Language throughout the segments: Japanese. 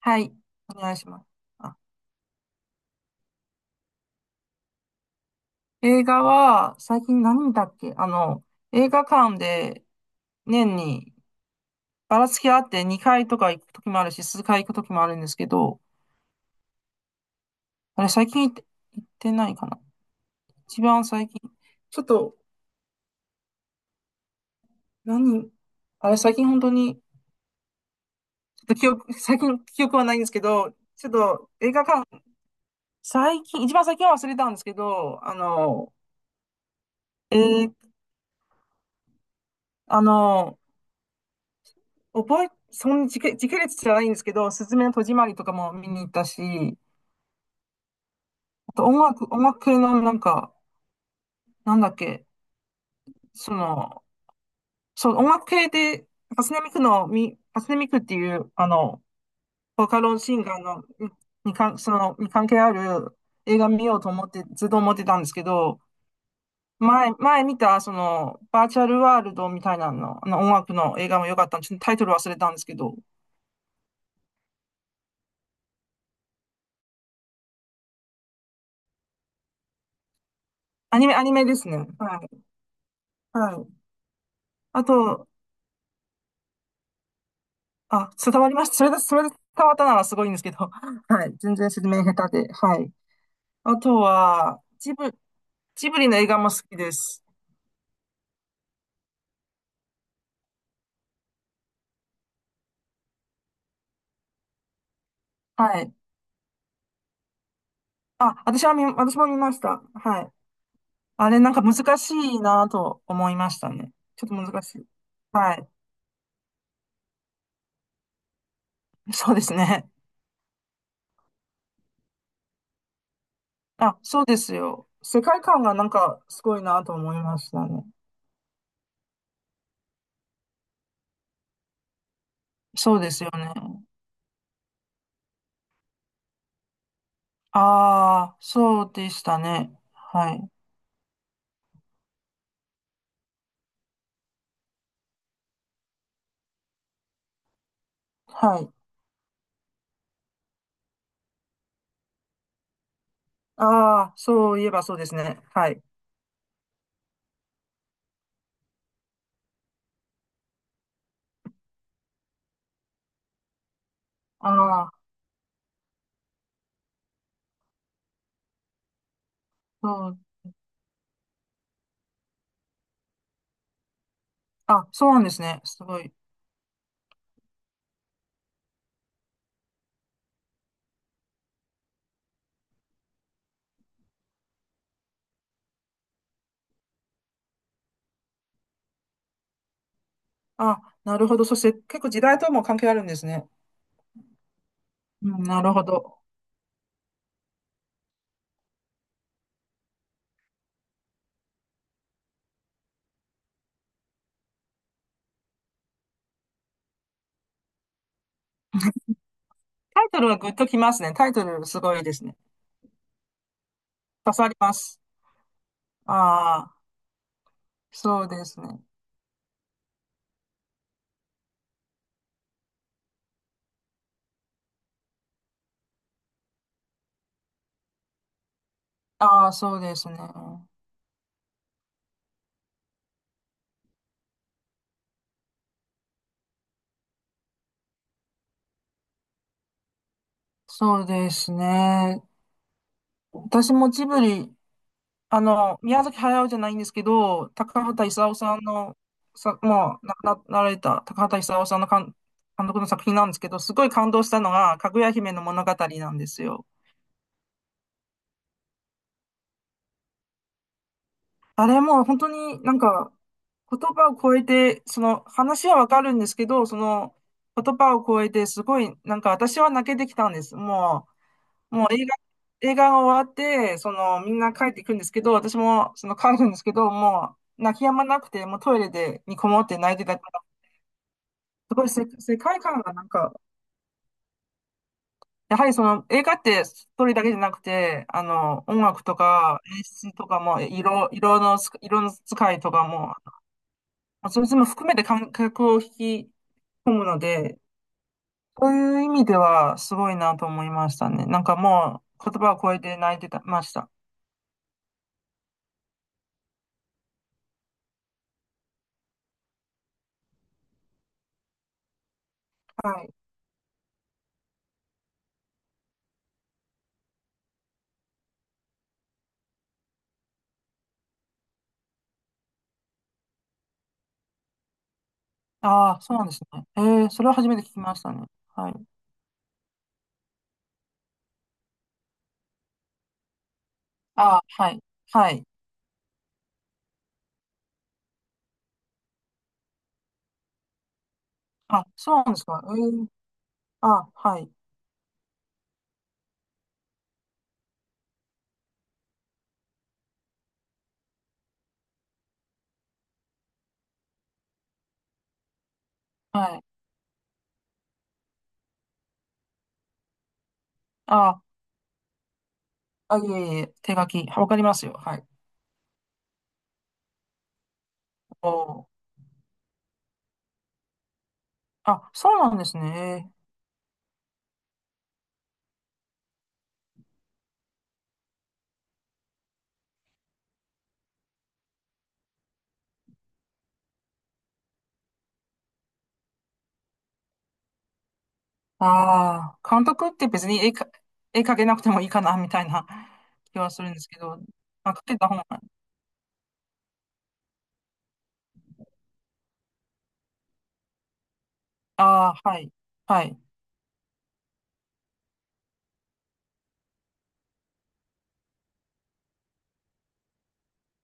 はい。お願いします。あ、映画は、最近何見たっけ映画館で年にばらつきあって2回とか行くときもあるし、数回行くときもあるんですけど、あれ最近行って、行ってないかな一番最近。ちょっと、何あれ最近本当に、ちょっと記憶、最近記憶はないんですけど、ちょっと映画館、最近、一番最近は忘れたんですけど、あの、えー、あの、覚え、そん時系、時系列じゃないんですけど、すずめの戸締まりとかも見に行ったし、あと音楽系のなんか、なんだっけ、その、そう、音楽系で、パスネミクっていう、あの、ボカロシンガーの、に関係ある映画見ようと思って、ずっと思ってたんですけど、前見た、その、バーチャルワールドみたいなの、あの音楽の映画も良かったんで、ちょっとタイトル忘れたんですけど、アニメですね。はい。はい。あと、あ、伝わりました。それで伝わったならすごいんですけど。はい。全然説明下手で。はい。あとは、ジブリの映画も好きです。はい。私も見ました。はい。あれ、なんか難しいなと思いましたね。ちょっと難しい。はい。そうですね。あ、そうですよ。世界観がなんかすごいなと思いましたね。そうですよね。ああ、そうでしたね。はい。はい。ああ、そういえばそうですね。はい。ああ、そう、あ、そうなんですね。すごい。あ、なるほど。そして結構時代とも関係あるんですね。うん、なるほど。タイトルはグッときますね。タイトルすごいですね。刺さります。ああ、そうですね。ああ、そうですね。そうですね。私もジブリ、あの、宮崎駿じゃないんですけど、高畑勲さんの、もう亡くななられた高畑勲さんの監督の作品なんですけど、すごい感動したのが、かぐや姫の物語なんですよ。あれもう本当になんか言葉を超えて、その話はわかるんですけど、その言葉を超えてすごいなんか私は泣けてきたんです。もう映画が終わって、そのみんな帰っていくんですけど、私もその帰るんですけど、もう泣き止まなくて、もうトイレでにこもって泣いてたから、すごい世界観がなんか、やはりその映画ってストーリーだけじゃなくて、あの、音楽とか演出とかも色の使いとかもまあ、それも含めて観客を引き込むので、そういう意味ではすごいなと思いましたね。なんかもう言葉を超えて泣いてたました。はい。ああ、そうなんですね。それは初めて聞きましたね。はい。ああ、はい。はい。あ、そうなんですか。ええ、あはい。はい。ああ、いえいえ、手書き。わかりますよ。はい。おー。あ、そうなんですね。ああ、監督って別に絵描けなくてもいいかな、みたいな気はするんですけど、まあ、描けた本ああ、はい、はい、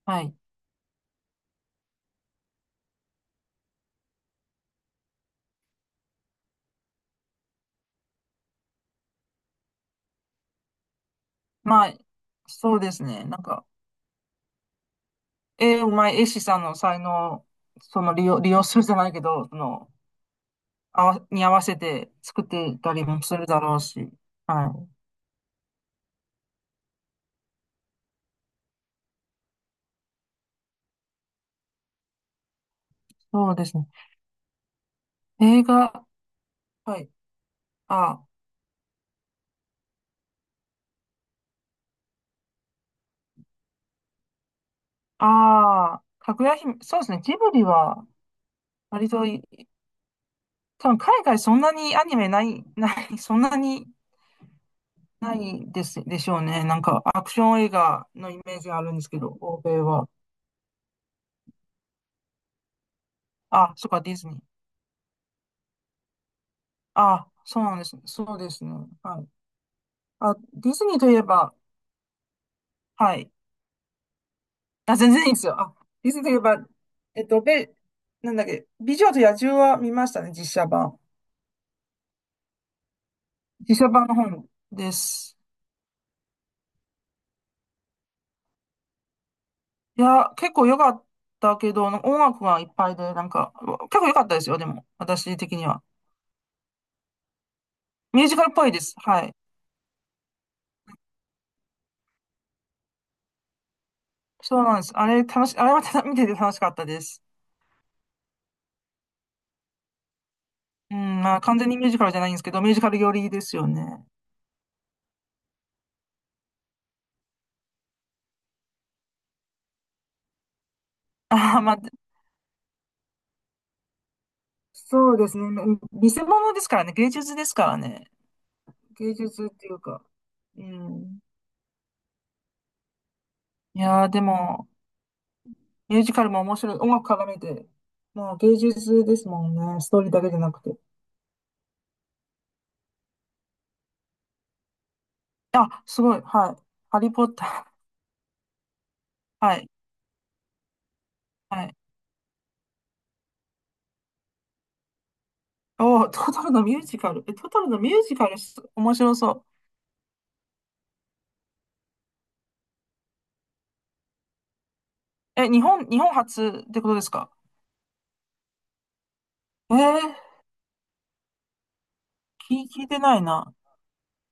はい。まあ、そうですね。なんか、うまい絵師さんの才能、その利用するじゃないけど、その、に合わせて作っていたりもするだろうし。はい。そうですね。映画、はい。あ、ああ、かぐや姫、そうですね。ジブリは、割とい、多分海外そんなにアニメない、ない、そんなにないです、でしょうね。なんか、アクション映画のイメージがあるんですけど、欧米は。あ、そっか、ディズニー。あ、そうなんですね。そうですね。はい。あ、ディズニーといえば、はい。あ、全然いいですよ。あ、ディズニーといえば、えっと、べ、なんだっけ、美女と野獣は見ましたね、実写版。実写版の本です。いや、結構良かったけど、なんか音楽がいっぱいで、なんか、結構良かったですよ、でも、私的には。ミュージカルっぽいです。はい。そうなんです。あれ、あれは見てて楽しかったです。うん、まあ、完全にミュージカルじゃないんですけど、ミュージカル寄りですよね。ああまあ、そうですね。うん見せ物ですからね。芸術ですからね。芸術っていうか。うん。いやー、でも、ミュージカルも面白い。音楽絡めて。もう芸術ですもんね。ストーリーだけじゃなくて。あ、すごい。はい。ハリーポッター。はい。はい。おー、トトロのミュージカル。え、トトロのミュージカルす、面白そう。え、日本初ってことですかえー、聞いてないな。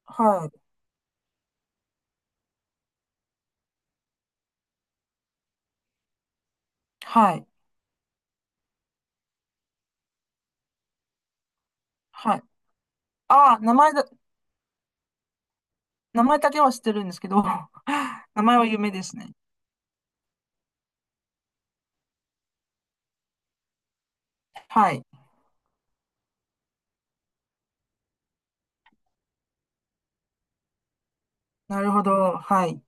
はい。はい。はい。あー、名前だ。名前だけは知ってるんですけど、名前は夢ですね。はい。なるほど。はい。